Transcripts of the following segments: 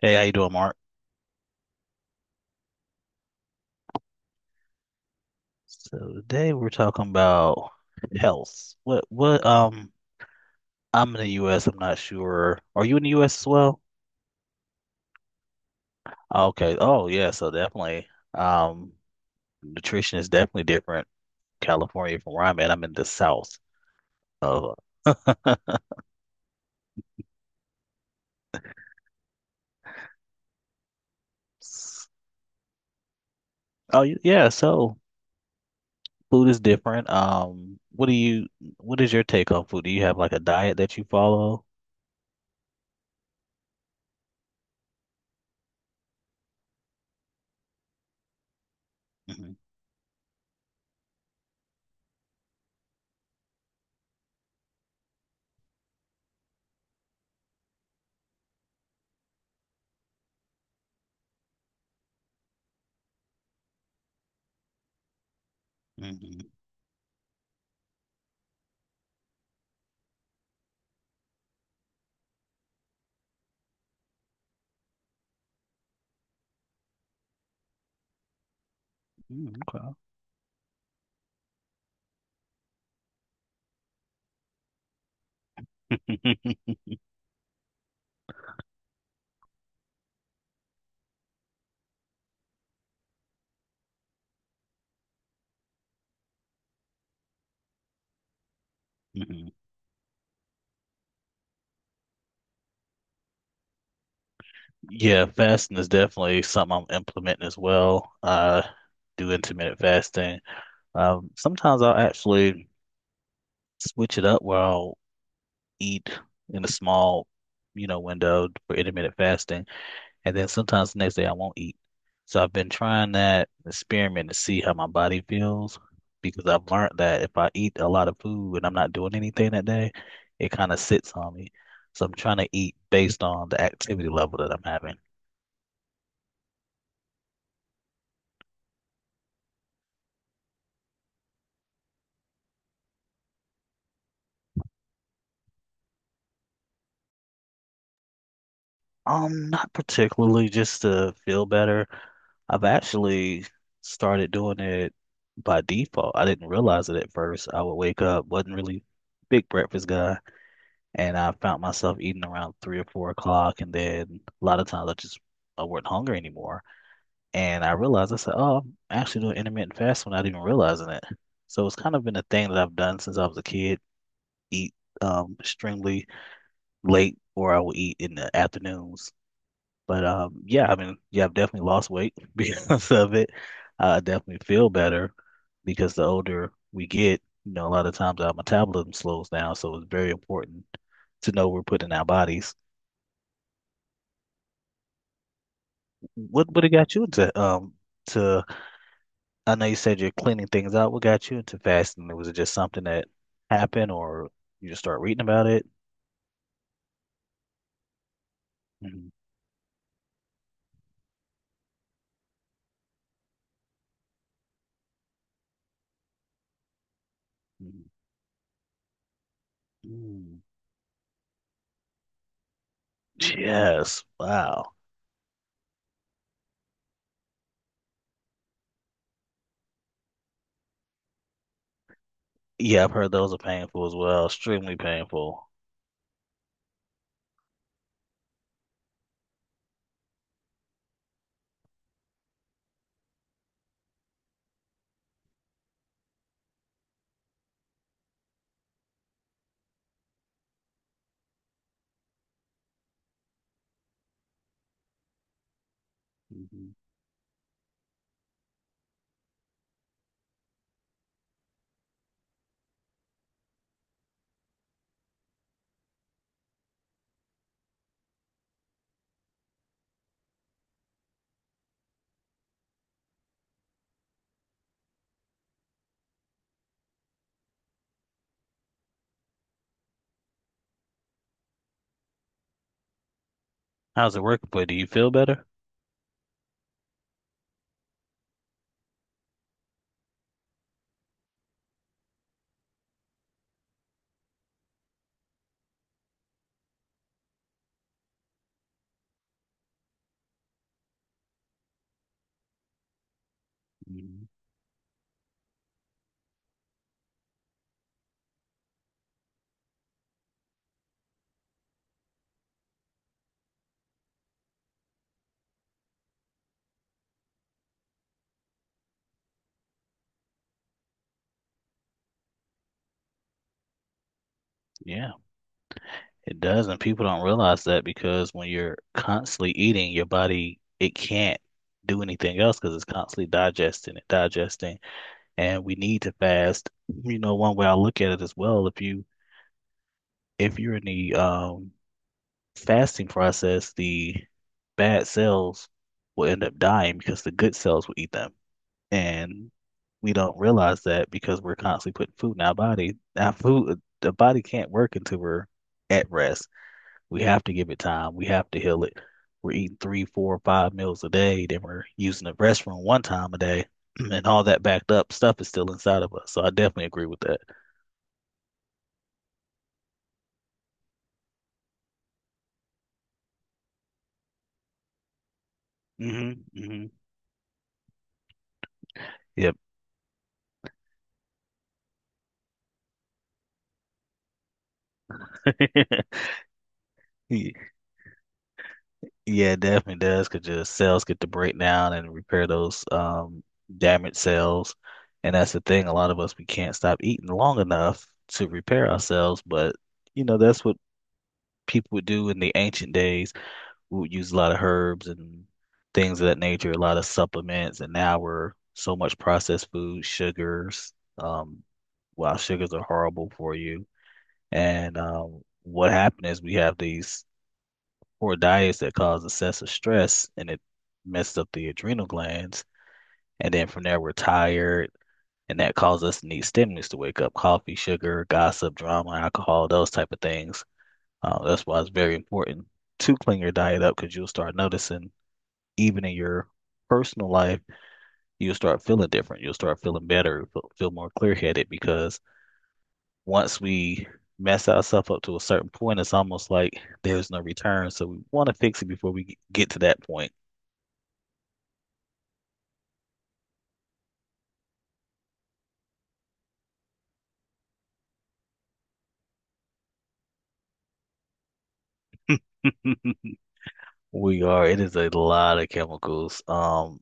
Hey, how you doing, Mark? So today we're talking about health. What I'm in the US, I'm not sure. Are you in the US as well? Okay. Oh yeah, so definitely. Um Nutrition is definitely different California from where I'm at. I'm in the south of s- Oh yeah, so food is different. What do you what is your take on food? Do you have like a diet that you follow? Hmm. Hmm. Hmm. Okay. Yeah, fasting is definitely something I'm implementing as well. Do intermittent fasting. Sometimes I'll actually switch it up where I'll eat in a small, you know, window for intermittent fasting, and then sometimes the next day I won't eat. So I've been trying that experiment to see how my body feels because I've learned that if I eat a lot of food and I'm not doing anything that day, it kind of sits on me. So I'm trying to eat based on the activity level that I'm having. Not particularly, just to feel better. I've actually started doing it by default. I didn't realize it at first. I would wake up, wasn't really big breakfast guy, and I found myself eating around 3 or 4 o'clock, and then a lot of times I just I wasn't hungry anymore, and I realized I said, "Oh, I'm actually doing intermittent fasting without even realizing it." So it's kind of been a thing that I've done since I was a kid. Eat extremely late, or I will eat in the afternoons. But Yeah, I mean, yeah, I've definitely lost weight because of it. I definitely feel better because the older we get, you know, a lot of times our metabolism slows down, so it's very important to know we're putting in our bodies. What would have got you into to I know you said you're cleaning things out. What got you into fasting? Was it just something that happened or you just start reading about it? Mhm. Mhm. Mm. Yes. Wow. Yeah, I've heard those are painful as well, extremely painful. How's it work? But do you feel better? Mm. Yeah, it does, and people don't realize that because when you're constantly eating, your body it can't do anything else because it's constantly digesting it, digesting, and we need to fast. You know, one way I look at it as well, if you if you're in the fasting process, the bad cells will end up dying because the good cells will eat them. And we don't realize that because we're constantly putting food in our body. Our food, the body can't work until we're at rest. We have to give it time. We have to heal it. We're eating three, four, five meals a day. Then we're using the restroom one time a day, and all that backed up stuff is still inside of us. So I definitely agree with that. Hmm. Hmm. Yep. Yeah, it definitely does because your cells get to break down and repair those damaged cells. And that's the thing, a lot of us we can't stop eating long enough to repair ourselves, but you know, that's what people would do in the ancient days. We would use a lot of herbs and things of that nature, a lot of supplements, and now we're so much processed food, sugars, um, while sugars are horrible for you. And what happened is we have these poor diets that cause excessive stress and it messed up the adrenal glands. And then from there, we're tired, and that causes us to need stimulants to wake up, coffee, sugar, gossip, drama, alcohol, those type of things. That's why it's very important to clean your diet up because you'll start noticing, even in your personal life, you'll start feeling different. You'll start feeling better, feel more clear-headed because once we mess ourselves up to a certain point, it's almost like there's no return. So we want to fix it before we get to that point. We are. It is a lot of chemicals,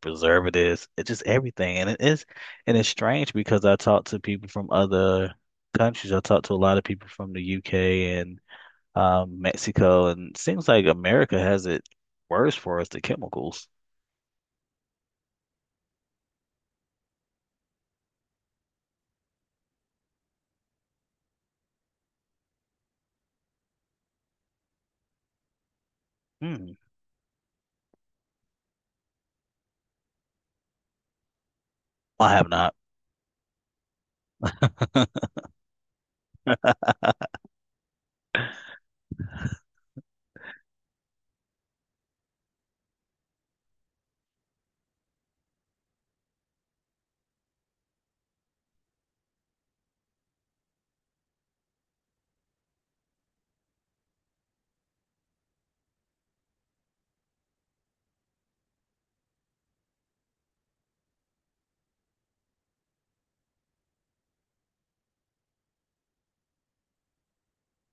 preservatives, it just everything. And it is, and it's strange because I talk to people from other countries. I talk to a lot of people from the UK and Mexico, and it seems like America has it worse for us, the chemicals. Hmm. I have not.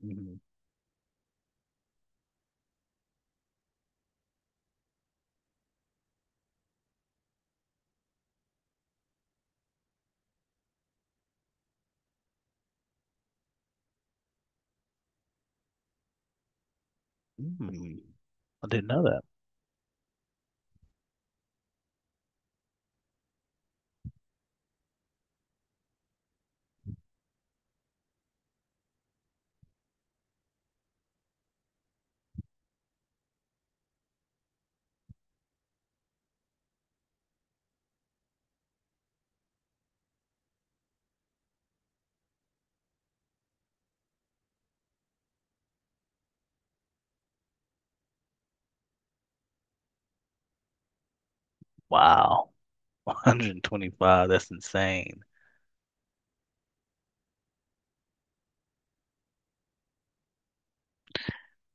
Mm. Mm. I didn't know that. Wow. 125. That's insane.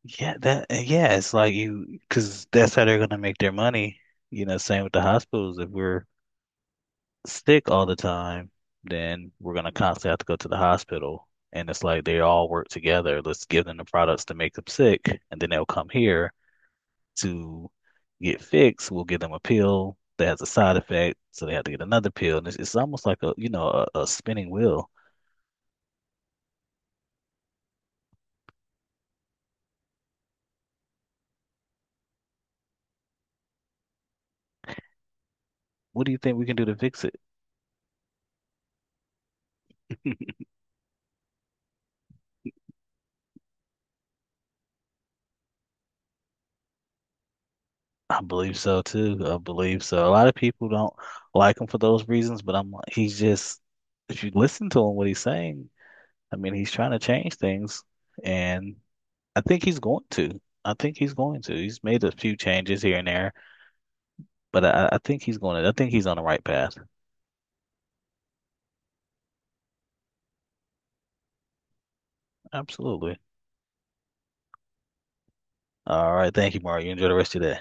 Yeah, that yeah, it's like you because that's how they're gonna make their money. You know, same with the hospitals. If we're sick all the time, then we're gonna constantly have to go to the hospital. And it's like they all work together. Let's give them the products to make them sick, and then they'll come here to get fixed. We'll give them a pill that has a side effect, so they have to get another pill. And it's almost like a you know a spinning wheel. What do you think we can do to fix it? I believe so too. I believe so. A lot of people don't like him for those reasons, but I'm like, he's just, if you listen to him, what he's saying, I mean, he's trying to change things, and I think he's going to. I think he's going to. He's made a few changes here and there, but I think he's going to. I think he's on the right path. Absolutely. All right. Thank you, Mario. You enjoy the rest of your day.